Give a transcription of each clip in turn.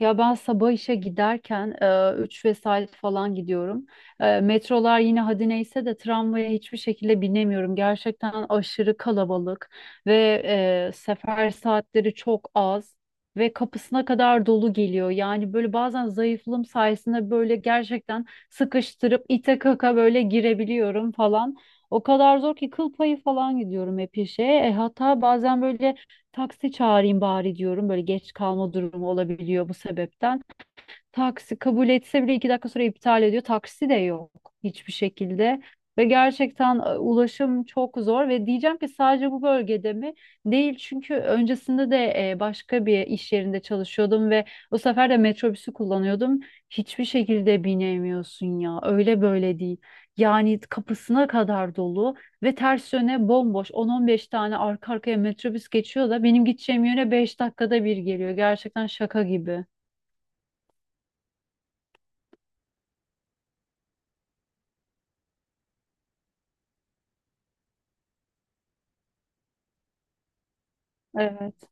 Ya ben sabah işe giderken 3 vesaire falan gidiyorum. Metrolar yine hadi neyse de tramvaya hiçbir şekilde binemiyorum. Gerçekten aşırı kalabalık ve sefer saatleri çok az ve kapısına kadar dolu geliyor. Yani böyle bazen zayıflığım sayesinde böyle gerçekten sıkıştırıp ite kaka böyle girebiliyorum falan. O kadar zor ki kıl payı falan gidiyorum hep işe. Hatta bazen böyle taksi çağırayım bari diyorum. Böyle geç kalma durumu olabiliyor bu sebepten. Taksi kabul etse bile 2 dakika sonra iptal ediyor. Taksi de yok hiçbir şekilde. Ve gerçekten ulaşım çok zor ve diyeceğim ki sadece bu bölgede mi? Değil, çünkü öncesinde de başka bir iş yerinde çalışıyordum ve o sefer de metrobüsü kullanıyordum. Hiçbir şekilde binemiyorsun, ya öyle böyle değil. Yani kapısına kadar dolu ve ters yöne bomboş 10-15 tane arka arkaya metrobüs geçiyor da benim gideceğim yöne 5 dakikada bir geliyor. Gerçekten şaka gibi. Evet.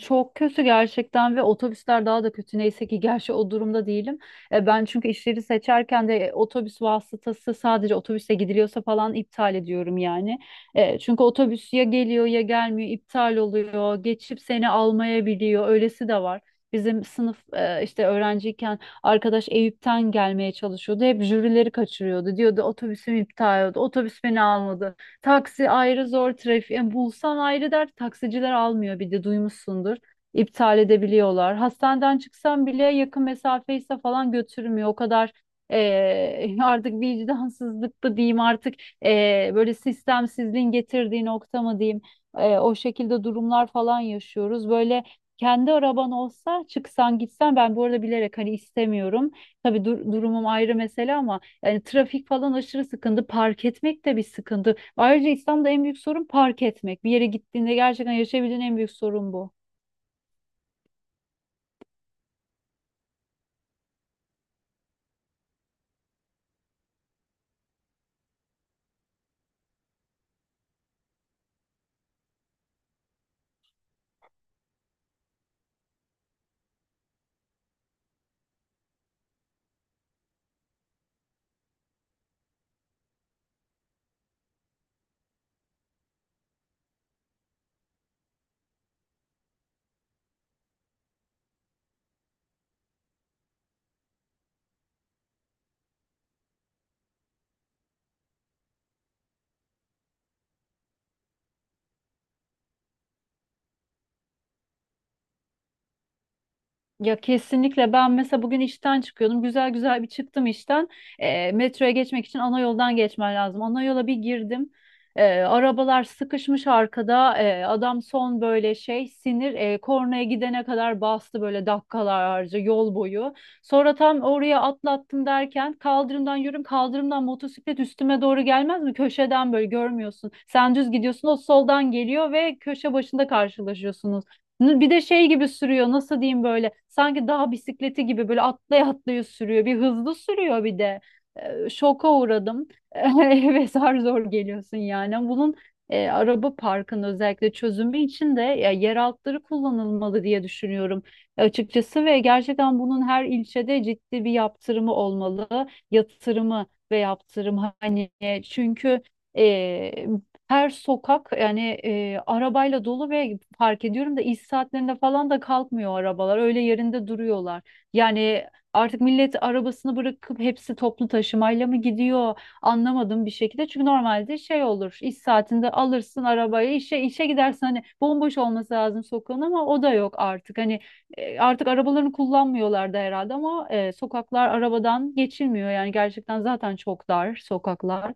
Çok kötü gerçekten, ve otobüsler daha da kötü. Neyse ki gerçi o durumda değilim. Ben çünkü işleri seçerken de otobüs vasıtası sadece otobüse gidiliyorsa falan iptal ediyorum yani. Çünkü otobüs ya geliyor ya gelmiyor, iptal oluyor, geçip seni almayabiliyor. Öylesi de var. Bizim sınıf işte öğrenciyken arkadaş Eyüp'ten gelmeye çalışıyordu. Hep jürileri kaçırıyordu. Diyordu otobüsüm iptal oldu. Otobüs beni almadı. Taksi ayrı zor, trafik. Yani bulsan ayrı dert, taksiciler almıyor, bir de duymuşsundur. İptal edebiliyorlar. Hastaneden çıksan bile yakın mesafeyse falan götürmüyor. O kadar artık vicdansızlık mı diyeyim artık, böyle sistemsizliğin getirdiği nokta mı diyeyim. O şekilde durumlar falan yaşıyoruz. Böyle kendi araban olsa çıksan gitsen, ben bu arada bilerek hani istemiyorum. Tabii durumum ayrı mesele ama yani trafik falan aşırı sıkıntı. Park etmek de bir sıkıntı. Ayrıca İstanbul'da en büyük sorun park etmek. Bir yere gittiğinde gerçekten yaşayabildiğin en büyük sorun bu. Ya kesinlikle, ben mesela bugün işten çıkıyordum. Güzel güzel bir çıktım işten. Metroya geçmek için ana yoldan geçmen lazım. Ana yola bir girdim. Arabalar sıkışmış arkada. Adam son böyle şey sinir, kornaya gidene kadar bastı, böyle dakikalarca yol boyu. Sonra tam oraya atlattım derken kaldırımdan motosiklet üstüme doğru gelmez mi? Köşeden böyle görmüyorsun. Sen düz gidiyorsun, o soldan geliyor ve köşe başında karşılaşıyorsunuz. Bir de şey gibi sürüyor, nasıl diyeyim, böyle sanki dağ bisikleti gibi böyle atlaya atlaya sürüyor, bir hızlı sürüyor, bir de şoka uğradım. Eve zar zor geliyorsun yani. Bunun araba parkının özellikle çözümü için de ya, yer kullanılmalı diye düşünüyorum açıkçası. Ve gerçekten bunun her ilçede ciddi bir yaptırımı olmalı, yatırımı ve yaptırım hani, çünkü e, her sokak yani arabayla dolu. Ve fark ediyorum da iş saatlerinde falan da kalkmıyor arabalar. Öyle yerinde duruyorlar. Yani artık millet arabasını bırakıp hepsi toplu taşımayla mı gidiyor? Anlamadım bir şekilde. Çünkü normalde şey olur. iş saatinde alırsın arabayı, işe gidersin, hani bomboş olması lazım sokağın, ama o da yok artık. Hani artık arabalarını kullanmıyorlar da herhalde, ama sokaklar arabadan geçilmiyor. Yani gerçekten zaten çok dar sokaklar.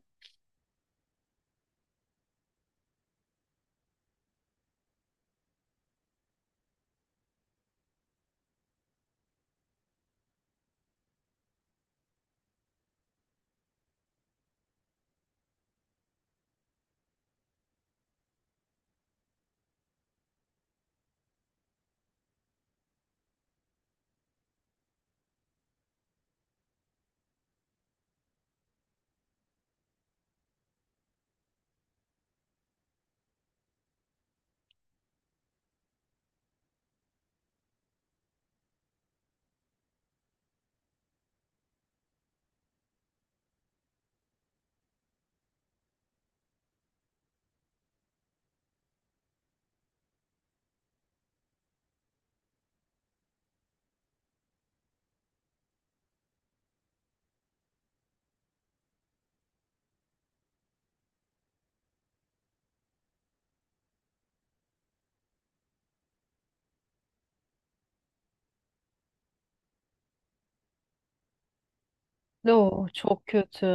Oo, çok kötü.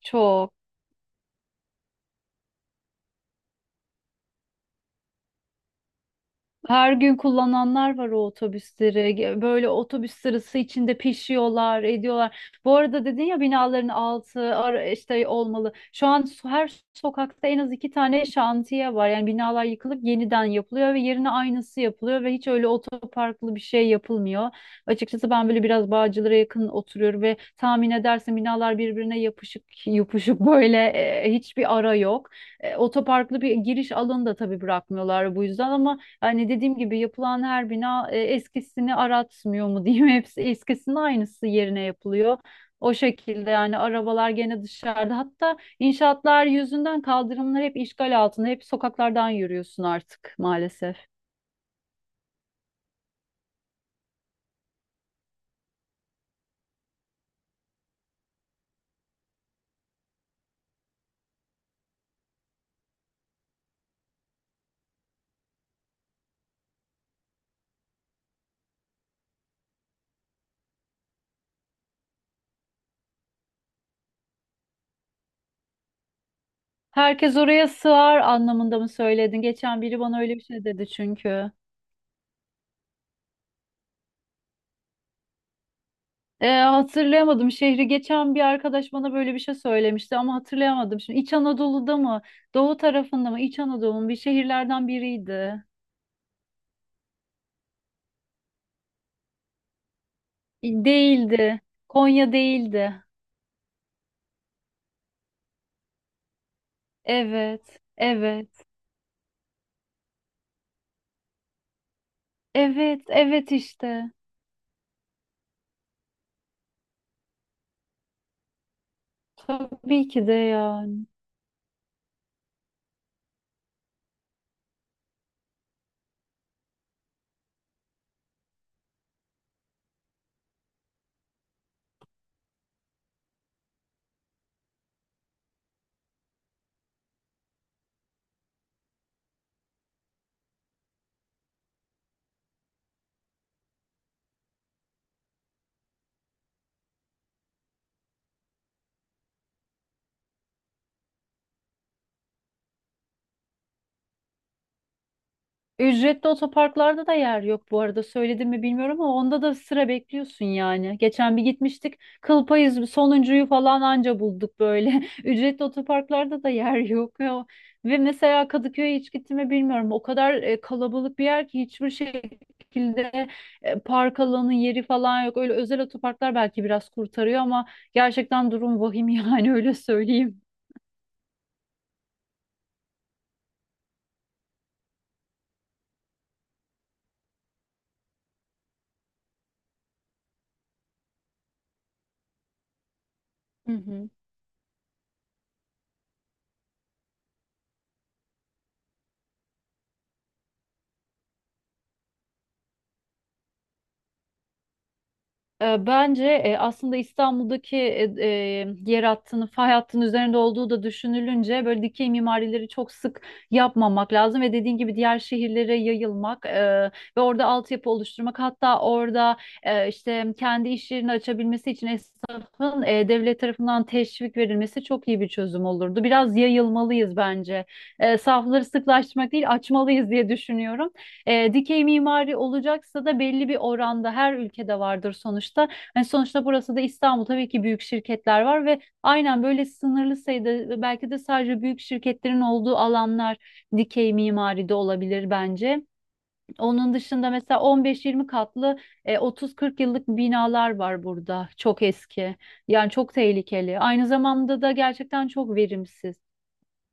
Çok. Her gün kullananlar var o otobüsleri. Böyle otobüs sırası içinde pişiyorlar, ediyorlar. Bu arada dedin ya, binaların altı işte olmalı. Şu an her sokakta en az 2 tane şantiye var. Yani binalar yıkılıp yeniden yapılıyor ve yerine aynısı yapılıyor, ve hiç öyle otoparklı bir şey yapılmıyor. Açıkçası ben böyle biraz Bağcılar'a yakın oturuyorum ve tahmin edersin, binalar birbirine yapışık yapışık böyle, hiçbir ara yok. Otoparklı bir giriş alanı da tabii bırakmıyorlar bu yüzden, ama hani dediğim gibi yapılan her bina eskisini aratmıyor mu diyeyim. Hepsi eskisinin aynısı yerine yapılıyor. O şekilde yani arabalar gene dışarıda. Hatta inşaatlar yüzünden kaldırımlar hep işgal altında. Hep sokaklardan yürüyorsun artık maalesef. Herkes oraya sığar anlamında mı söyledin? Geçen biri bana öyle bir şey dedi çünkü. Hatırlayamadım şehri. Geçen bir arkadaş bana böyle bir şey söylemişti ama hatırlayamadım. Şimdi İç Anadolu'da mı? Doğu tarafında mı? İç Anadolu'nun bir şehirlerden biriydi. Değildi. Konya değildi. Evet. Evet. Evet. Evet işte. Tabii ki de yani. Ücretli otoparklarda da yer yok, bu arada söyledim mi bilmiyorum, ama onda da sıra bekliyorsun yani. Geçen bir gitmiştik, kıl payı sonuncuyu falan anca bulduk böyle. Ücretli otoparklarda da yer yok. Ya. Ve mesela Kadıköy'e hiç gittim mi bilmiyorum. O kadar kalabalık bir yer ki hiçbir şekilde park alanı yeri falan yok. Öyle özel otoparklar belki biraz kurtarıyor ama gerçekten durum vahim. Yani öyle söyleyeyim. Hı hı. Bence aslında İstanbul'daki, yer hattının, fay hattının üzerinde olduğu da düşünülünce, böyle dikey mimarileri çok sık yapmamak lazım ve dediğin gibi diğer şehirlere yayılmak, ve orada altyapı oluşturmak, hatta orada işte kendi iş yerini açabilmesi için esnafın devlet tarafından teşvik verilmesi çok iyi bir çözüm olurdu. Biraz yayılmalıyız bence. Safları sıklaştırmak değil, açmalıyız diye düşünüyorum. Dikey mimari olacaksa da belli bir oranda her ülkede vardır sonuçta. Hani sonuçta burası da İstanbul, tabii ki büyük şirketler var ve aynen böyle sınırlı sayıda, belki de sadece büyük şirketlerin olduğu alanlar dikey mimari de olabilir bence. Onun dışında mesela 15-20 katlı, 30-40 yıllık binalar var burada. Çok eski. Yani çok tehlikeli. Aynı zamanda da gerçekten çok verimsiz.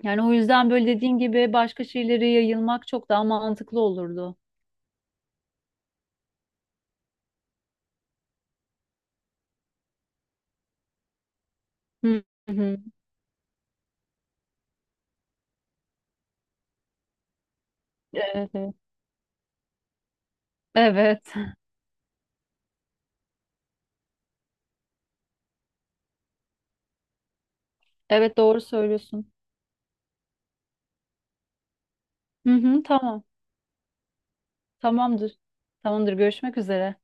Yani o yüzden böyle dediğin gibi başka şeylere yayılmak çok daha mantıklı olurdu. Hı hı. Evet, evet. Evet. Evet, doğru söylüyorsun. Hı hı, tamam. Tamamdır. Tamamdır. Görüşmek üzere.